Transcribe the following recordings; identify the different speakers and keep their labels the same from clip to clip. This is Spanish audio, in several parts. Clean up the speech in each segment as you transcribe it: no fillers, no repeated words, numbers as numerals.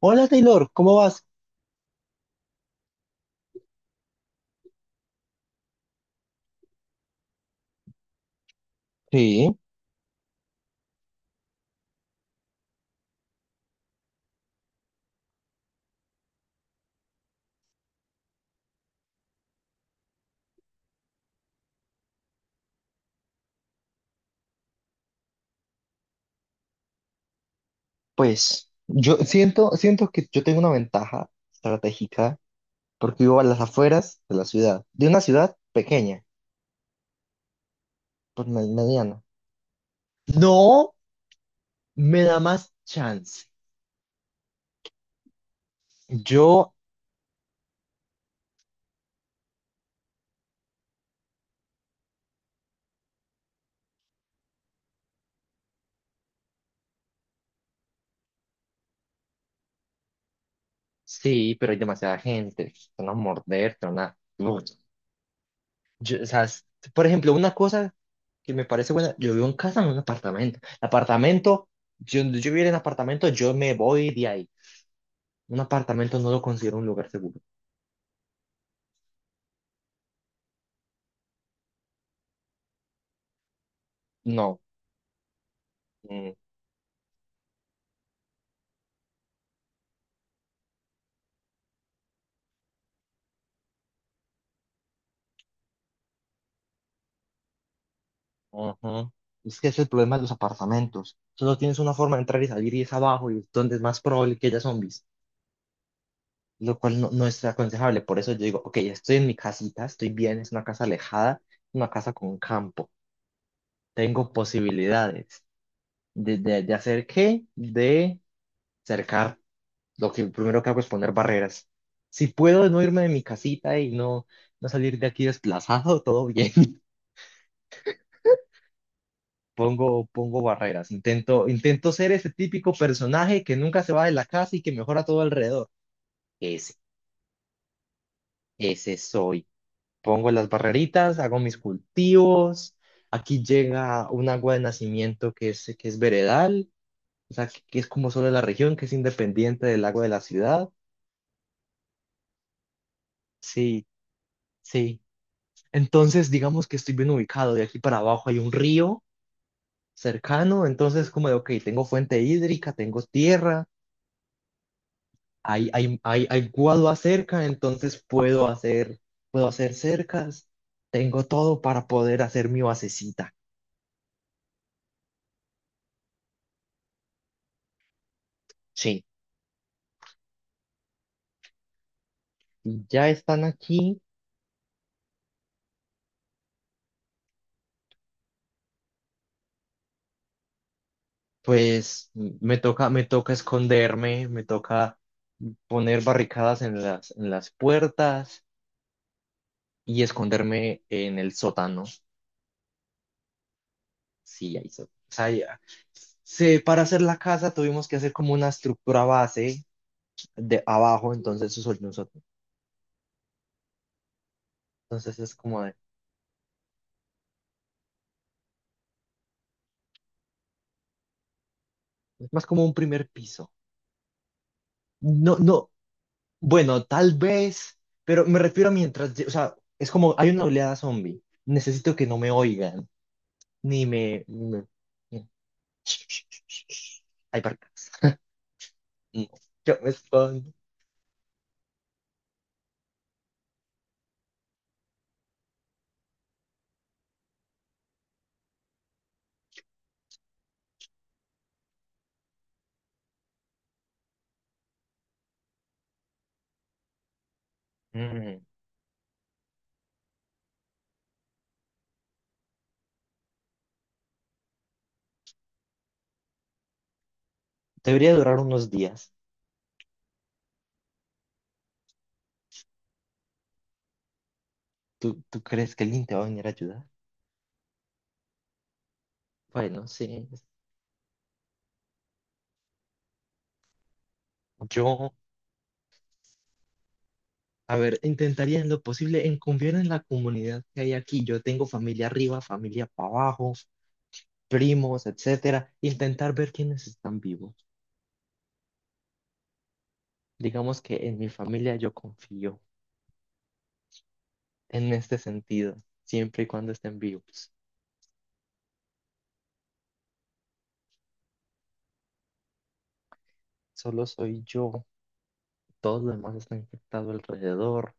Speaker 1: Hola Taylor, ¿cómo vas? Sí, pues yo siento que yo tengo una ventaja estratégica porque vivo a las afueras de la ciudad, de una ciudad pequeña, pues mediana. No, me da más chance. Yo sí, pero hay demasiada gente, te van a morder, te van a... Uf. Yo, o sea, por ejemplo, una cosa que me parece buena, yo vivo en casa, no en un apartamento. El apartamento, yo viviera en apartamento, yo me voy de ahí. Un apartamento no lo considero un lugar seguro. No. Mm, ajá. Es que ese es el problema de los apartamentos. Solo tienes una forma de entrar y salir y es abajo y es donde es más probable que haya zombies, lo cual no es aconsejable. Por eso yo digo, ok, estoy en mi casita, estoy bien, es una casa alejada, una casa con campo. Tengo posibilidades de hacer qué, de cercar. Lo que primero que hago es poner barreras. Si puedo no irme de mi casita y no salir de aquí desplazado, todo bien. Pongo barreras, intento ser ese típico personaje que nunca se va de la casa y que mejora todo alrededor. Ese, ese soy. Pongo las barreritas, hago mis cultivos. Aquí llega un agua de nacimiento que es veredal, o sea, que es como solo de la región, que es independiente del agua de la ciudad. Sí, sí. Entonces, digamos que estoy bien ubicado. De aquí para abajo hay un río cercano, entonces como de, ok, tengo fuente hídrica, tengo tierra, hay guadua cerca, entonces puedo hacer cercas, tengo todo para poder hacer mi basecita. Sí, y ya están aquí, pues me toca esconderme, me toca poner barricadas en las puertas y esconderme en el sótano. Sí, ahí o sea, para hacer la casa tuvimos que hacer como una estructura base de abajo, entonces eso es un sótano. Entonces es como de. Es más como un primer piso. No, no, bueno, tal vez, pero me refiero a mientras, o sea, es como hay una oleada zombie. Necesito que no me oigan, ni ni- hay barcas. No, yo me escondo. Mm. Debería durar unos días. ¿Tú, tú crees que alguien te va a venir a ayudar? Bueno, sí. Yo, a ver, intentaría en lo posible en confiar en la comunidad que hay aquí. Yo tengo familia arriba, familia para abajo, primos, etcétera, intentar ver quiénes están vivos. Digamos que en mi familia yo confío en este sentido, siempre y cuando estén vivos. Solo soy yo, todos los demás están infectados alrededor.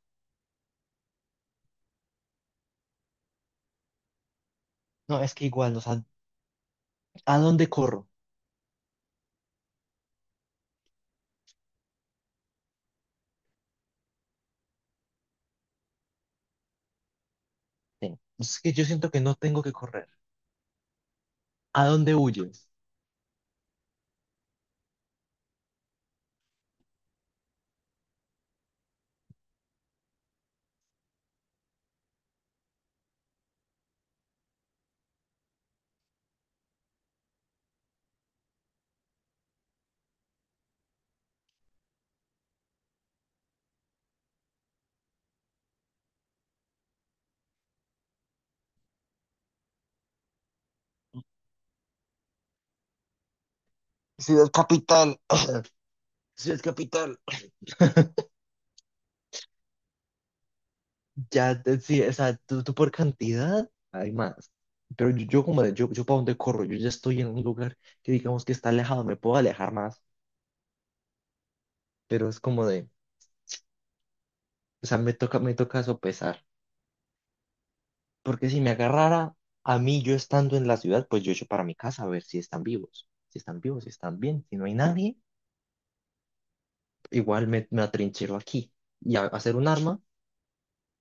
Speaker 1: No, es que igual, o sea, ¿a dónde corro? Sí. Es que yo siento que no tengo que correr. ¿A dónde huyes? Ciudad capital, ciudad capital. Ya, sí, o sea, tú por cantidad hay más. Pero yo como de, yo para dónde corro, yo ya estoy en un lugar que digamos que está alejado, me puedo alejar más, pero es como de, o sea, me toca sopesar. Porque si me agarrara a mí, yo estando en la ciudad, pues yo echo para mi casa a ver si están vivos, si están vivos, si están bien, si no hay nadie, igual me, me atrinchero aquí. Y hacer un arma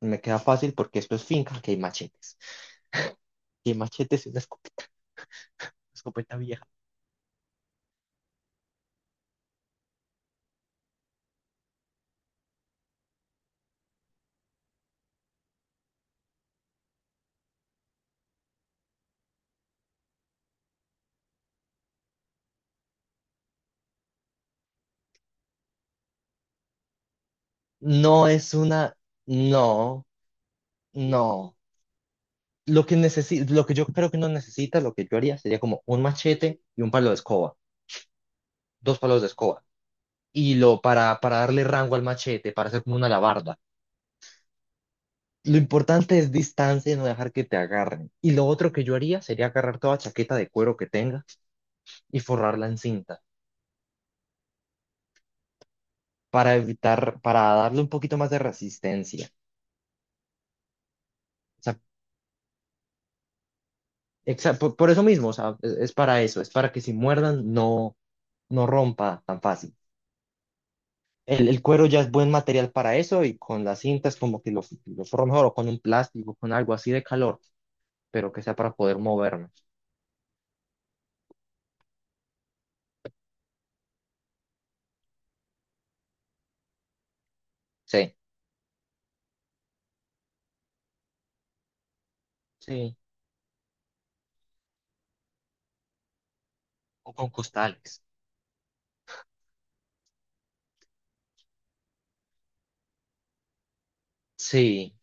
Speaker 1: me queda fácil porque esto es finca, que hay machetes. Y hay machetes y una escopeta vieja. No es una, no. No, lo que lo que yo creo que no necesita, lo que yo haría sería como un machete y un palo de escoba, dos palos de escoba, y lo para darle rango al machete, para hacer como una alabarda. Lo importante es distancia y no dejar que te agarren. Y lo otro que yo haría sería agarrar toda chaqueta de cuero que tenga y forrarla en cinta para evitar, para darle un poquito más de resistencia. O sea, por eso mismo, o sea, es para eso, es para que si muerdan no rompa tan fácil. El cuero ya es buen material para eso y con las cintas como que lo forro mejor o con un plástico, con algo así de calor, pero que sea para poder moverme. Sí, sí. O con costales. Sí,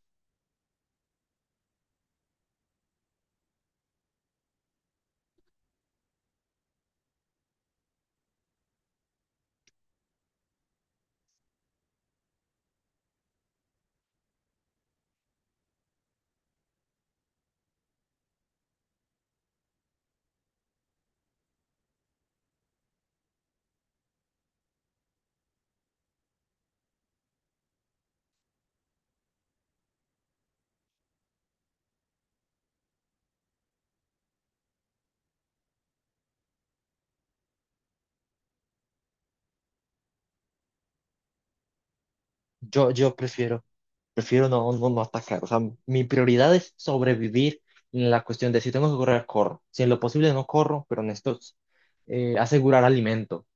Speaker 1: yo prefiero, prefiero no atacar. O sea, mi prioridad es sobrevivir en la cuestión de si tengo que correr, corro. Si en lo posible no corro, pero necesito, asegurar alimento,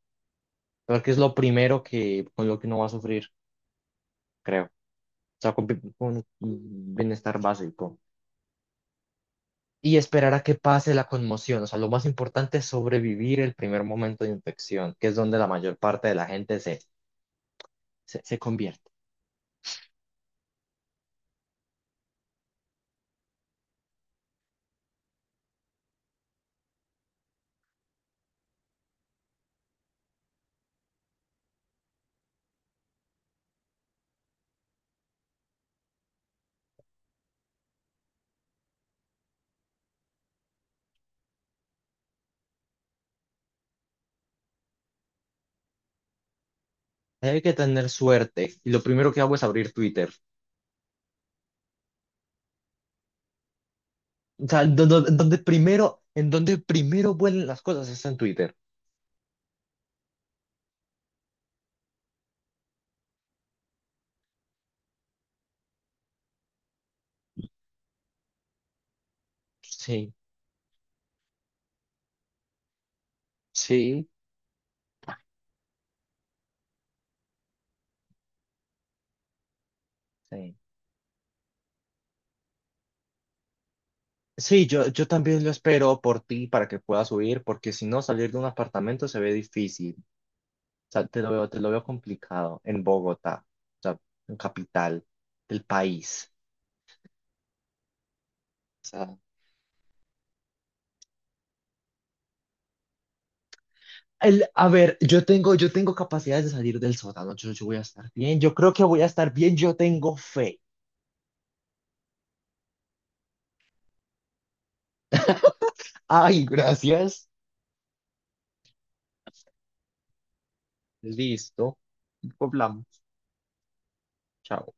Speaker 1: porque es lo primero que, con lo que uno va a sufrir, creo. O sea, con, con bienestar básico. Y esperar a que pase la conmoción. O sea, lo más importante es sobrevivir el primer momento de infección, que es donde la mayor parte de la gente se convierte. Hay que tener suerte. Y lo primero que hago es abrir Twitter. O sea, donde primero, en donde primero vuelen las cosas es en Twitter. Sí. Sí, sí. Sí, yo también lo espero por ti para que puedas huir, porque si no, salir de un apartamento se ve difícil. O sea, te lo veo complicado en Bogotá, o sea, en capital del país. Sea, el, a ver, yo tengo capacidades de salir del sótano. Yo voy a estar bien. Yo creo que voy a estar bien. Yo tengo fe. Ay, gracias. Listo. Poblamos. Chao.